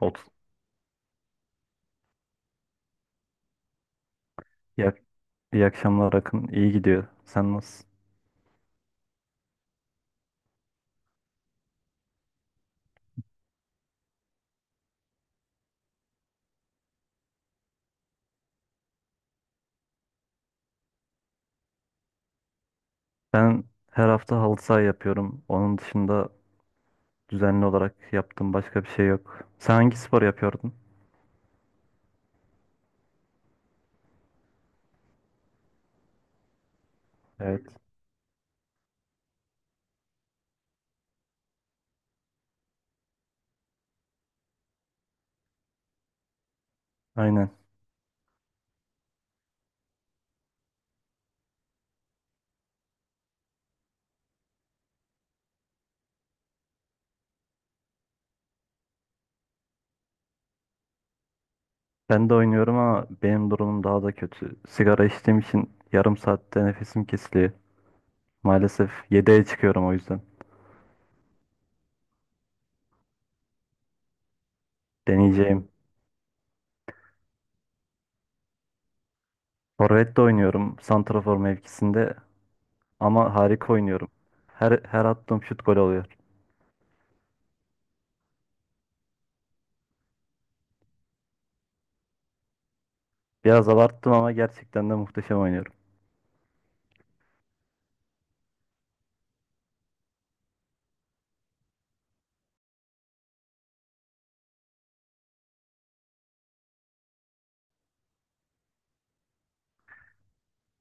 Ot. İyi, iyi akşamlar Akın. İyi gidiyor. Sen nasılsın? Ben her hafta halı saha yapıyorum. Onun dışında düzenli olarak yaptığım başka bir şey yok. Sen hangi spor yapıyordun? Evet. Aynen. Ben de oynuyorum ama benim durumum daha da kötü. Sigara içtiğim için yarım saatte nefesim kesiliyor. Maalesef 7'ye çıkıyorum o yüzden. Deneyeceğim. Forvet de oynuyorum. Santrafor mevkisinde. Ama harika oynuyorum. Her attığım şut gol oluyor. Biraz abarttım ama gerçekten de muhteşem oynuyorum.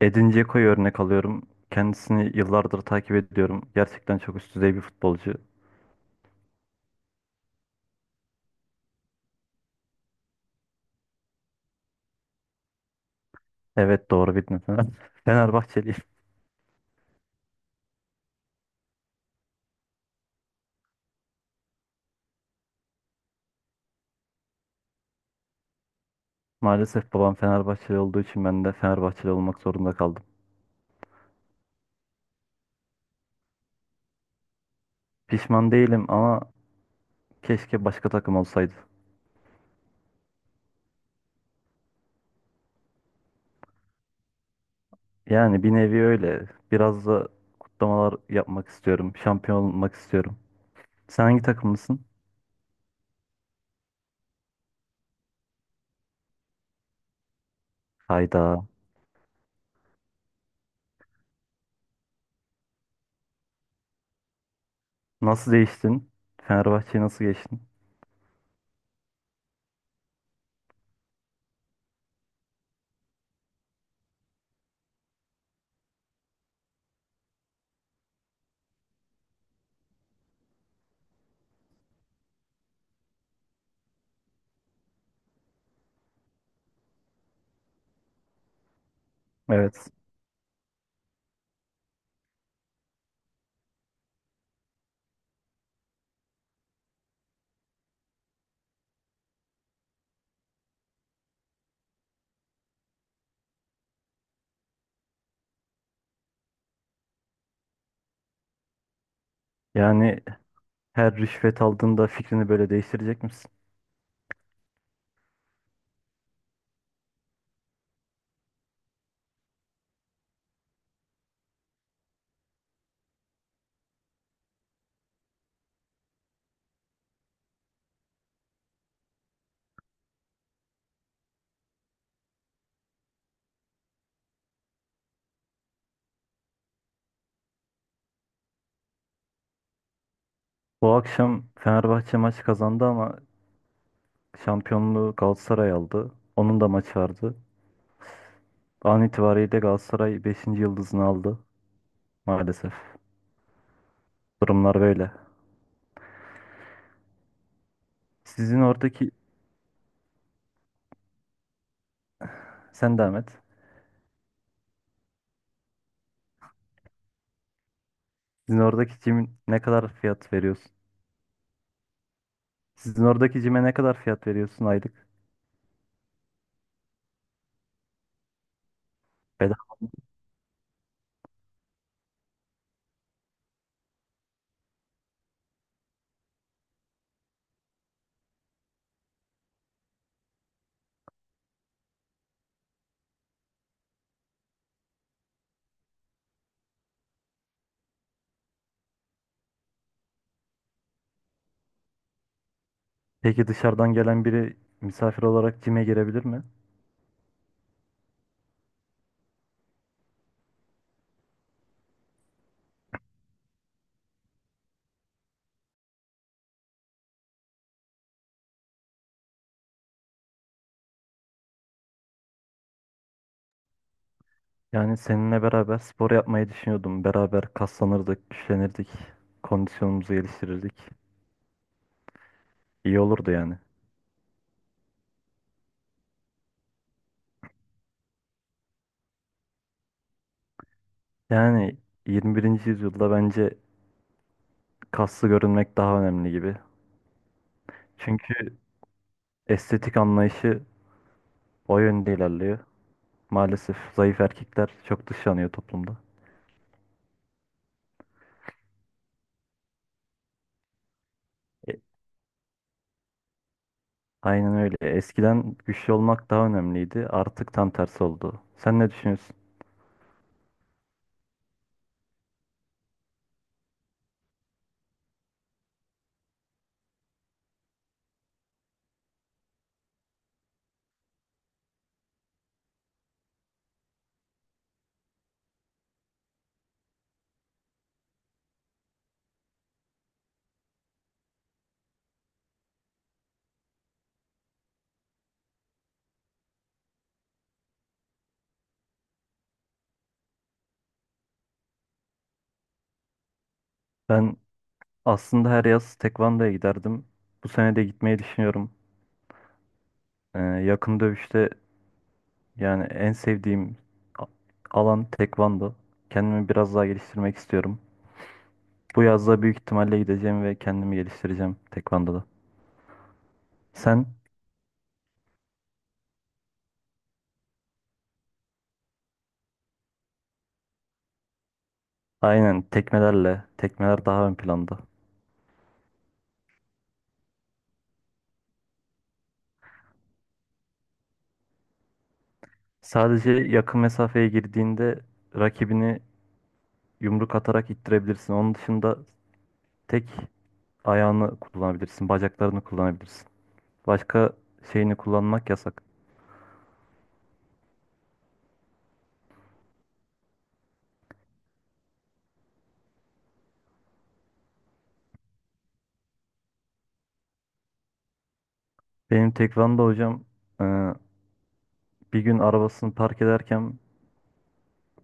Edin Dzeko'yu örnek alıyorum. Kendisini yıllardır takip ediyorum. Gerçekten çok üst düzey bir futbolcu. Evet, doğru bildin. Fenerbahçeliyim. Maalesef babam Fenerbahçeli olduğu için ben de Fenerbahçeli olmak zorunda kaldım. Pişman değilim ama keşke başka takım olsaydı. Yani bir nevi öyle. Biraz da kutlamalar yapmak istiyorum. Şampiyon olmak istiyorum. Sen hangi takımlısın? Hayda. Nasıl değiştin? Fenerbahçe'yi nasıl geçtin? Evet. Yani her rüşvet aldığında fikrini böyle değiştirecek misin? Bu akşam Fenerbahçe maç kazandı ama şampiyonluğu Galatasaray aldı. Onun da maçı vardı. An itibariyle Galatasaray beşinci yıldızını aldı maalesef. Durumlar böyle. Sizin oradaki sen devam et. Sizin oradaki cimin ne kadar fiyat veriyorsun? Sizin oradaki cime ne kadar fiyat veriyorsun aylık? Bedava. Peki dışarıdan gelen biri misafir olarak cime girebilir mi? Yani seninle beraber spor yapmayı düşünüyordum. Beraber kaslanırdık, güçlenirdik, kondisyonumuzu geliştirirdik. İyi olurdu yani. Yani 21. yüzyılda bence kaslı görünmek daha önemli gibi. Çünkü estetik anlayışı o yönde ilerliyor. Maalesef zayıf erkekler çok dışlanıyor toplumda. E, aynen öyle. Eskiden güçlü olmak daha önemliydi. Artık tam tersi oldu. Sen ne düşünüyorsun? Ben aslında her yaz tekvandoya giderdim. Bu sene de gitmeyi düşünüyorum. Yakın dövüşte yani en sevdiğim a- alan tekvando. Kendimi biraz daha geliştirmek istiyorum. Bu yazda büyük ihtimalle gideceğim ve kendimi geliştireceğim tekvandoda. Sen aynen tekmelerle, tekmeler daha ön planda. Sadece yakın mesafeye girdiğinde rakibini yumruk atarak ittirebilirsin. Onun dışında tek ayağını kullanabilirsin, bacaklarını kullanabilirsin. Başka şeyini kullanmak yasak. Benim tekvando hocam e, bir gün arabasını park ederken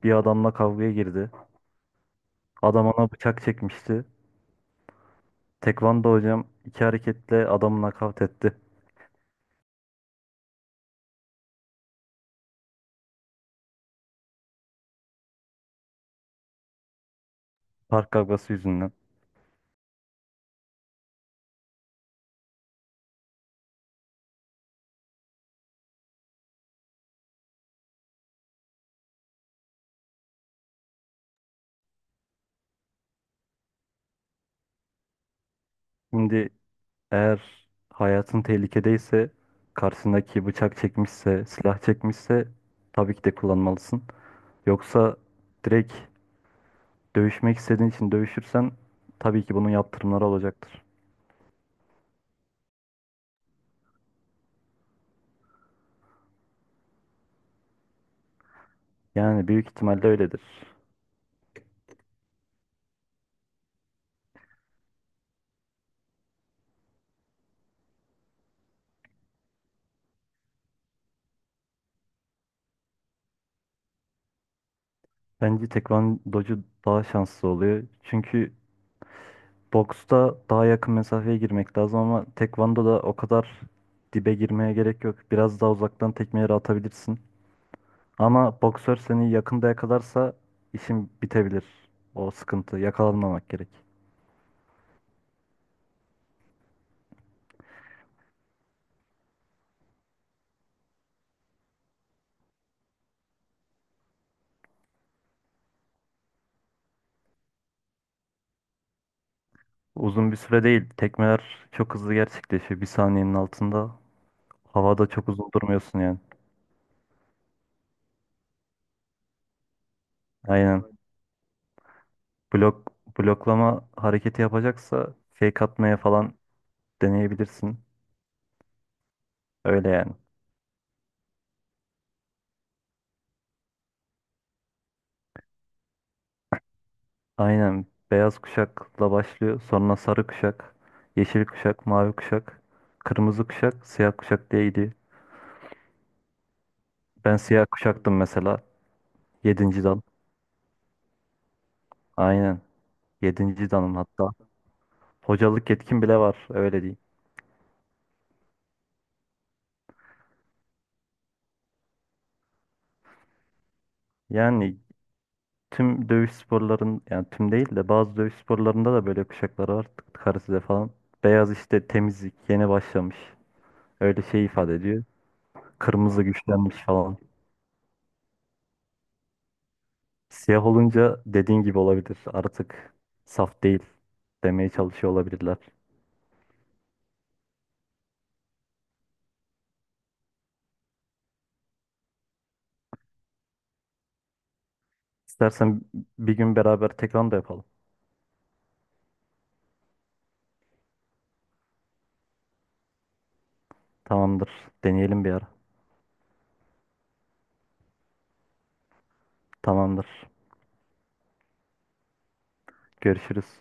bir adamla kavgaya girdi. Adam ona bıçak çekmişti. Tekvando hocam iki hareketle adamı nakavt etti. Park kavgası yüzünden. Şimdi eğer hayatın tehlikedeyse, karşısındaki bıçak çekmişse, silah çekmişse tabii ki de kullanmalısın. Yoksa direkt dövüşmek istediğin için dövüşürsen tabii ki bunun yaptırımları olacaktır. Yani büyük ihtimalle öyledir. Bence tekvandocu daha şanslı oluyor. Çünkü boksta daha yakın mesafeye girmek lazım ama tekvandoda o kadar dibe girmeye gerek yok. Biraz daha uzaktan tekmeleri atabilirsin. Ama boksör seni yakında yakalarsa işin bitebilir. O sıkıntı. Yakalanmamak gerek. Uzun bir süre değil. Tekmeler çok hızlı gerçekleşiyor. Bir saniyenin altında. Havada çok uzun durmuyorsun yani. Aynen. Blok, Bloklama hareketi yapacaksa fake atmaya falan deneyebilirsin. Öyle yani. Aynen. Beyaz kuşakla başlıyor. Sonra sarı kuşak, yeşil kuşak, mavi kuşak, kırmızı kuşak, siyah kuşak diye gidiyor. Ben siyah kuşaktım mesela. Yedinci dal. Aynen. Yedinci danım hatta. Hocalık yetkin bile var, öyle diyeyim. Yani tüm dövüş sporların, yani tüm değil de bazı dövüş sporlarında da böyle kuşaklar var. Karısıda falan. Beyaz işte temizlik, yeni başlamış. Öyle şey ifade ediyor. Kırmızı güçlenmiş falan. Siyah olunca dediğin gibi olabilir. Artık saf değil demeye çalışıyor olabilirler. İstersen bir gün beraber tekrar da yapalım. Tamamdır. Deneyelim bir ara. Tamamdır. Görüşürüz.